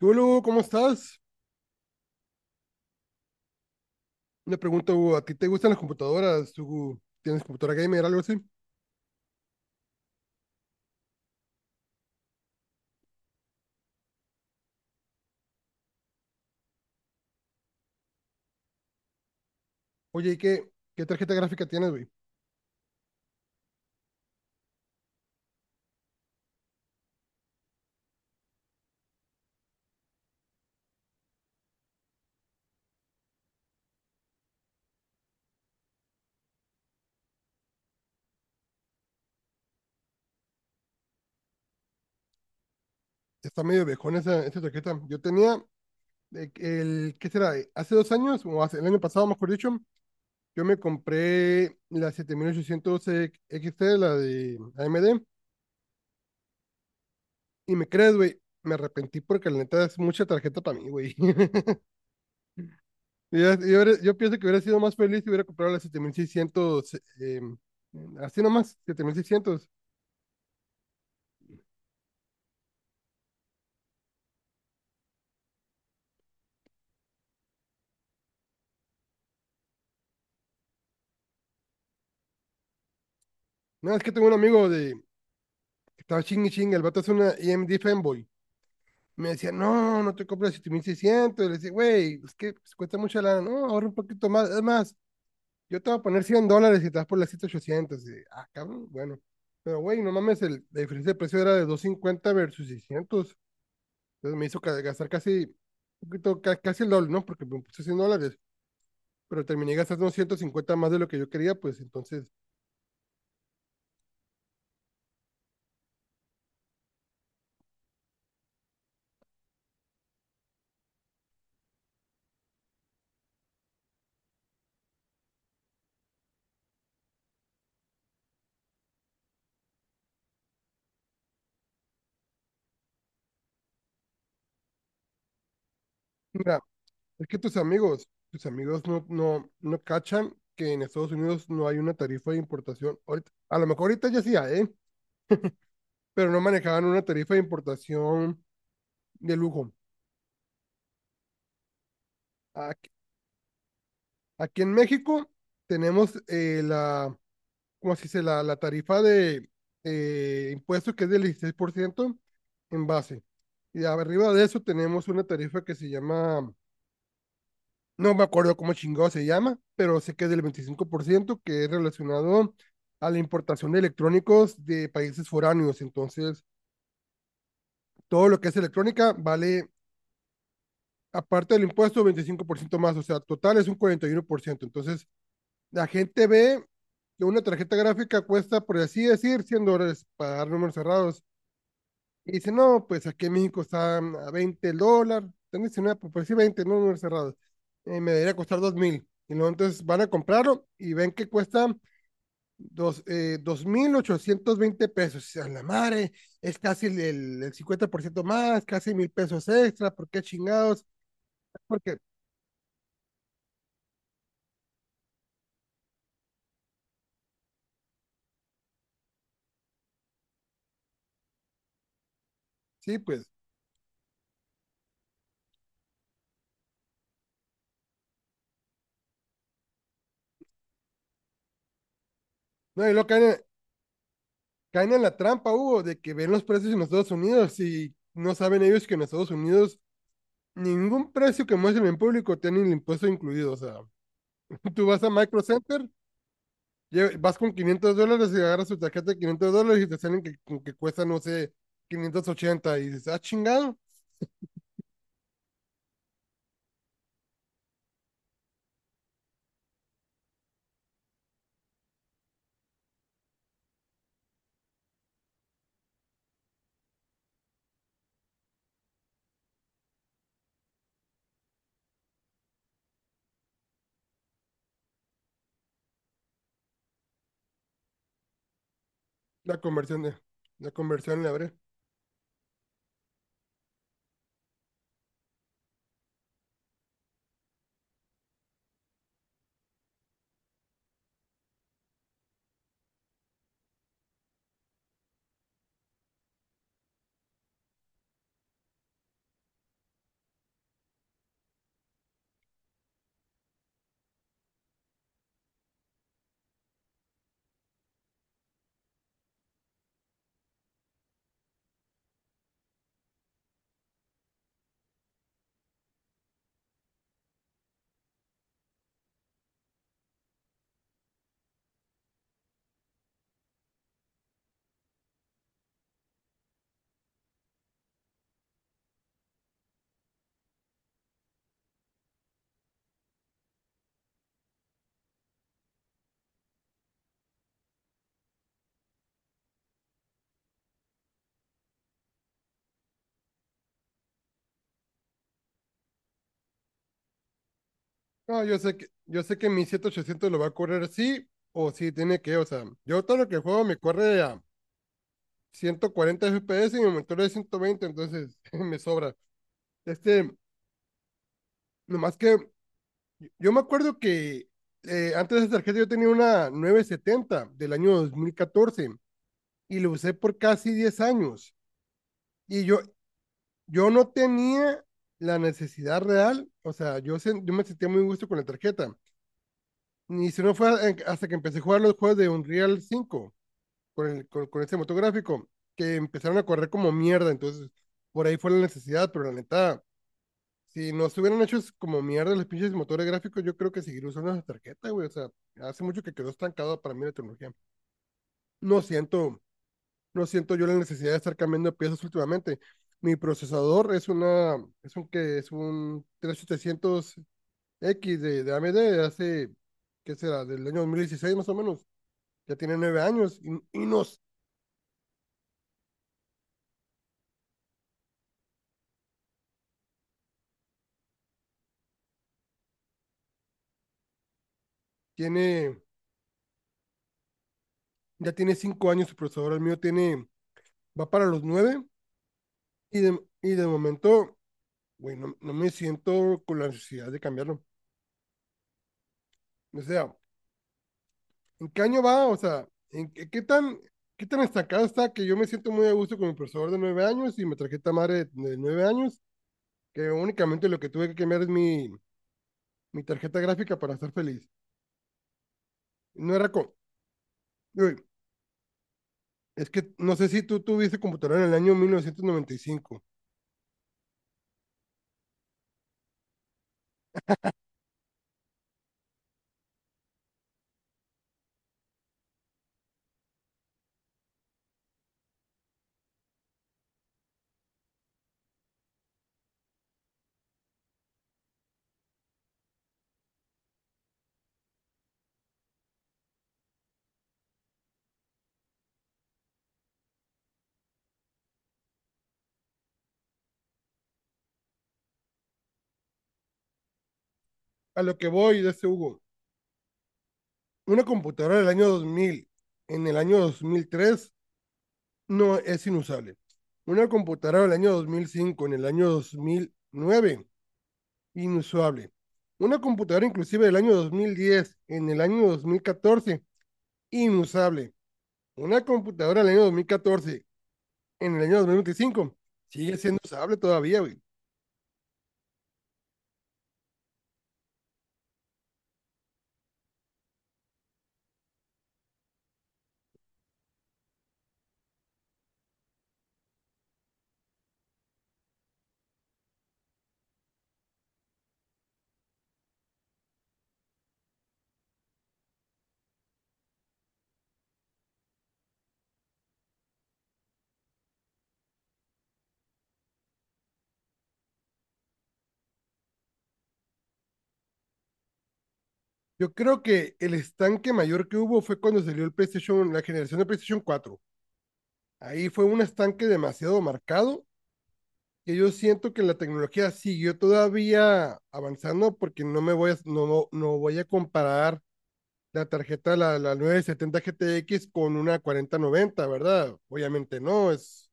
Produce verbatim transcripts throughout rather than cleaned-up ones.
Hola, ¿cómo estás? Una pregunta, Hugo. ¿A ti te gustan las computadoras? ¿Tú tienes computadora gamer, algo así? Oye, ¿y qué, qué tarjeta gráfica tienes, güey? Está medio viejona esa, esa tarjeta. Yo tenía, eh, el, ¿qué será? Hace dos años, o hace, el año pasado, mejor dicho, yo me compré la siete mil ochocientos equis te, la de A M D, y me crees, güey, me arrepentí porque la neta es mucha tarjeta para mí, güey. Yo, yo, hubiera- yo pienso que hubiera sido más feliz si hubiera comprado la siete mil seiscientos, eh, así nomás, siete mil seiscientos. No, es que tengo un amigo de que estaba ching y ching, el vato es una E M D fanboy. Me decía, no, no te compras siete mil seiscientos. Y le decía, güey, es que pues, cuesta mucha lana. No, ahorra un poquito más. Es más, yo te voy a poner cien dólares y te vas por la ochocientos. Y, ah, cabrón, bueno. Pero, güey, no mames, el, la diferencia de precio era de doscientos cincuenta versus seiscientos. Entonces me hizo ca- gastar casi, un poquito, ca- casi el doble, ¿no? Porque me puse cien dólares, pero terminé gastando ciento cincuenta más de lo que yo quería, pues entonces, mira. Es que tus amigos, tus amigos no, no, no cachan que en Estados Unidos no hay una tarifa de importación. Ahorita- a lo mejor ahorita ya sí hay, ¿eh? Pero no manejaban una tarifa de importación de lujo. Aquí, aquí en México tenemos eh, la, ¿cómo se dice? La, la tarifa de eh, impuesto que es del dieciséis por ciento en base. Y arriba de eso tenemos una tarifa que se llama. No me acuerdo cómo chingado se llama, pero sé que es del veinticinco por ciento que es relacionado a la importación de electrónicos de países foráneos. Entonces, todo lo que es electrónica vale, aparte del impuesto, veinticinco por ciento más. O sea, total es un cuarenta y uno por ciento. Entonces, la gente ve que una tarjeta gráfica cuesta, por así decir, cien dólares para dar números cerrados. Y dice, no, pues aquí en México está a veinte el dólar, están diecinueve, por decir veinte no, números cerrados. Eh, me debería costar dos mil. Y luego entonces van a comprarlo y ven que cuesta dos, eh, mil ochocientos veinte pesos. A la madre, es casi el, el, el cincuenta por ciento más, casi mil pesos extra, ¿por qué chingados? Porque, sí, pues, no, y luego caen, caen en la trampa, Hugo, de que ven los precios en los Estados Unidos y no saben ellos que en Estados Unidos ningún precio que muestren en público tiene el impuesto incluido, o sea. Tú vas a Micro Center, lle- vas con quinientos dólares y agarras tu tarjeta de quinientos dólares y te salen que, con que cuesta, no sé, quinientos ochenta y dices, ah, chingado, la conversión de, la conversión le abre. No, yo sé que, yo sé que mi siete ochocientos lo va a correr sí o sí, tiene que, o sea, yo todo lo que juego me corre a ciento cuarenta F P S y mi monitor es ciento veinte, entonces me sobra. Este, nomás que yo me acuerdo que eh, antes de esa tarjeta yo tenía una nueve setenta del año dos mil catorce y lo usé por casi diez años. Y yo, yo no tenía la necesidad real, o sea, yo, se, yo me sentía muy gusto con la tarjeta. Ni si no fue hasta que empecé a jugar los juegos de Unreal cinco con, el, con, con ese motográfico, que empezaron a correr como mierda, entonces por ahí fue la necesidad, pero la neta, si nos hubieran hecho como mierda los pinches motores gráficos, yo creo que seguir usando esa tarjeta, güey. O sea, hace mucho que quedó estancado para mí la tecnología. No siento no siento yo la necesidad de estar cambiando piezas últimamente. Mi procesador es una, es un que es un tres mil setecientos equis de, de A M D de hace, ¿qué será? Del año dos mil dieciséis más o menos. Ya tiene nueve años. Y, y nos tiene, ya tiene cinco años su procesador. El mío tiene, va para los nueve y de, y de momento, güey, no, no me siento con la necesidad de cambiarlo. O sea, ¿en qué año va? O sea, ¿en qué, qué tan, qué tan destacado está que yo me siento muy a gusto con mi procesador de nueve años y mi tarjeta madre de nueve años, que únicamente lo que tuve que cambiar es mi, mi tarjeta gráfica para estar feliz. No era con... Uy, es que no sé si tú tuviste computadora en el año mil novecientos noventa y cinco. A lo que voy, de ese Hugo, una computadora del año dos mil, en el año dos mil tres no es inusable. Una computadora del año dos mil cinco, en el año dos mil nueve. Inusable. Una computadora inclusive del año dos mil diez en el año dos mil catorce inusable. Una computadora del año dos mil catorce en el año dos mil veinticinco sigue siendo usable todavía, güey. Yo creo que el estanque mayor que hubo fue cuando salió el PlayStation, la generación de PlayStation cuatro. Ahí fue un estanque demasiado marcado que yo siento que la tecnología siguió todavía avanzando porque no me voy a, no, no no voy a comparar la tarjeta, la, la nueve setenta G T equis con una cuarenta noventa, ¿verdad? Obviamente no, es,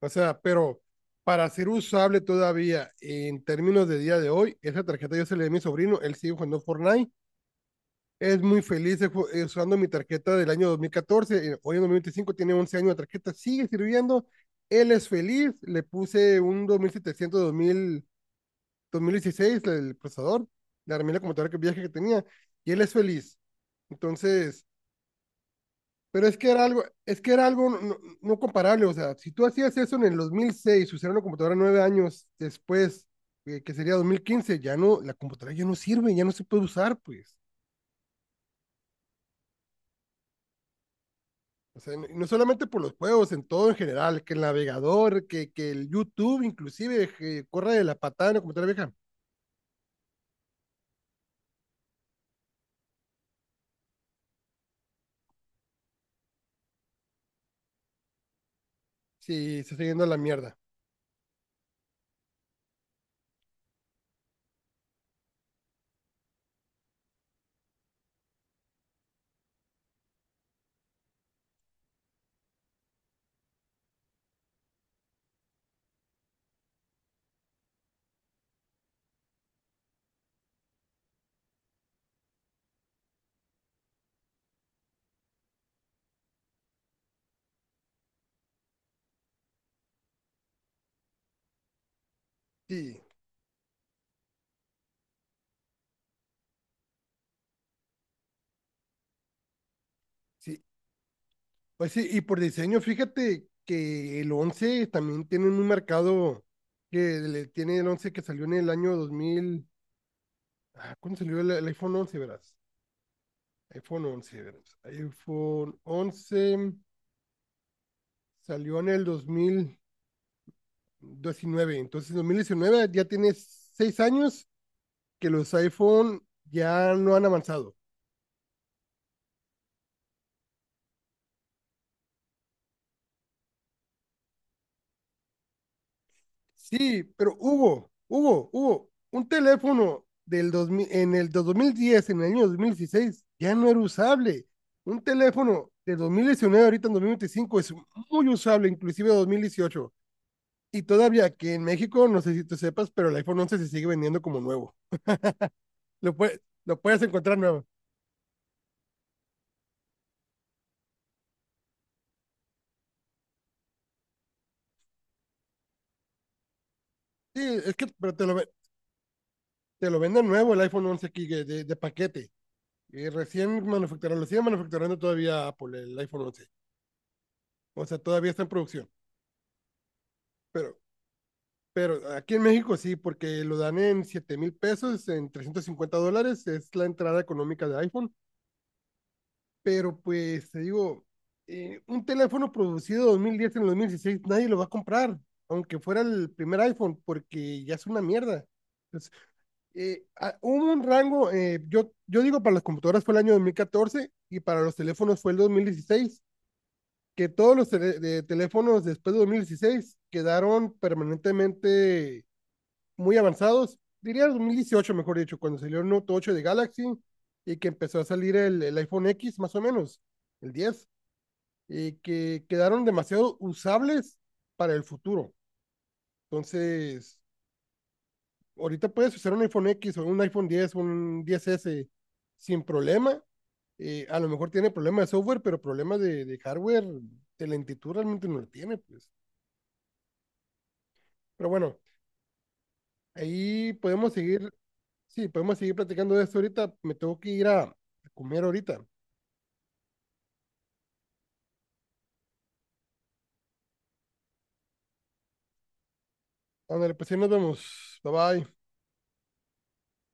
o sea, pero para ser usable todavía en términos de día de hoy, esa tarjeta yo se la di a mi sobrino, él sigue jugando Fortnite, es muy feliz usando mi tarjeta del año dos mil catorce, eh, hoy en dos mil veinticinco tiene once años de tarjeta, sigue sirviendo, él es feliz, le puse un dos dos mil mil setecientos dos mil dos mil dieciséis el procesador, le armé la computadora que viaje que tenía, y él es feliz. Entonces, pero es que era algo, es que era algo, no, no no comparable, o sea, si tú hacías eso en el dos mil seis usar una computadora nueve años después, eh, que sería dos mil quince ya no, la computadora ya no sirve, ya no se puede usar, pues. O sea, no, no solamente por los juegos, en todo en general, que el navegador, que, que el YouTube, inclusive, que corre de la patada en la computadora vieja. Sí, se está yendo a la mierda. Sí, sí. Pues sí, y por diseño, fíjate que el once también tiene un mercado que le tiene el once que salió en el año dos mil. Ah, ¿cuándo salió el, el iPhone once, verás? iPhone once, verás. iPhone once salió en el dos mil diecinueve. Entonces, en dos mil diecinueve ya tiene seis años que los iPhone ya no han avanzado. Sí, pero Hugo, Hugo, Hugo, un teléfono del dos mil en el dos mil diez en el año dos mil dieciséis ya no era usable. Un teléfono del dos mil diecinueve ahorita en dos mil veinticinco es muy usable, inclusive dos mil dieciocho. Y todavía aquí en México, no sé si tú sepas, pero el iPhone once se sigue vendiendo como nuevo. Lo, puede- lo puedes encontrar nuevo. Sí, es que pero te, lo, ve- te lo venden nuevo el iPhone once aquí de, de- de paquete. Y recién manufacturado, lo sigue manufacturando todavía Apple, el iPhone once. O sea, todavía está en producción. Pero, pero aquí en México sí, porque lo dan en siete mil pesos, en trescientos cincuenta dólares, es la entrada económica de iPhone. Pero pues te digo, eh, un teléfono producido dos mil diez en el dos mil dieciséis nadie lo va a comprar, aunque fuera el primer iPhone, porque ya es una mierda. Entonces, eh, a- hubo un rango, eh, yo, yo digo para las computadoras fue el año dos mil catorce y para los teléfonos fue el dos mil dieciséis que todos los tele- de teléfonos después de dos mil dieciséis quedaron permanentemente muy avanzados. Diría dos mil dieciocho mejor dicho, cuando salió el Note ocho de Galaxy y que empezó a salir el, el iPhone X, más o menos, el diez eh, que quedaron demasiado usables para el futuro. Entonces, ahorita puedes usar un iPhone X o un iPhone diez, un diez ese sin problema. Eh, a lo mejor tiene problemas de software, pero problemas de, de hardware, de lentitud realmente no lo tiene, pues. Pero bueno, ahí podemos seguir, sí, podemos seguir platicando de esto ahorita. Me tengo que ir a, a comer ahorita. Ándale, pues ahí nos vemos. Bye bye.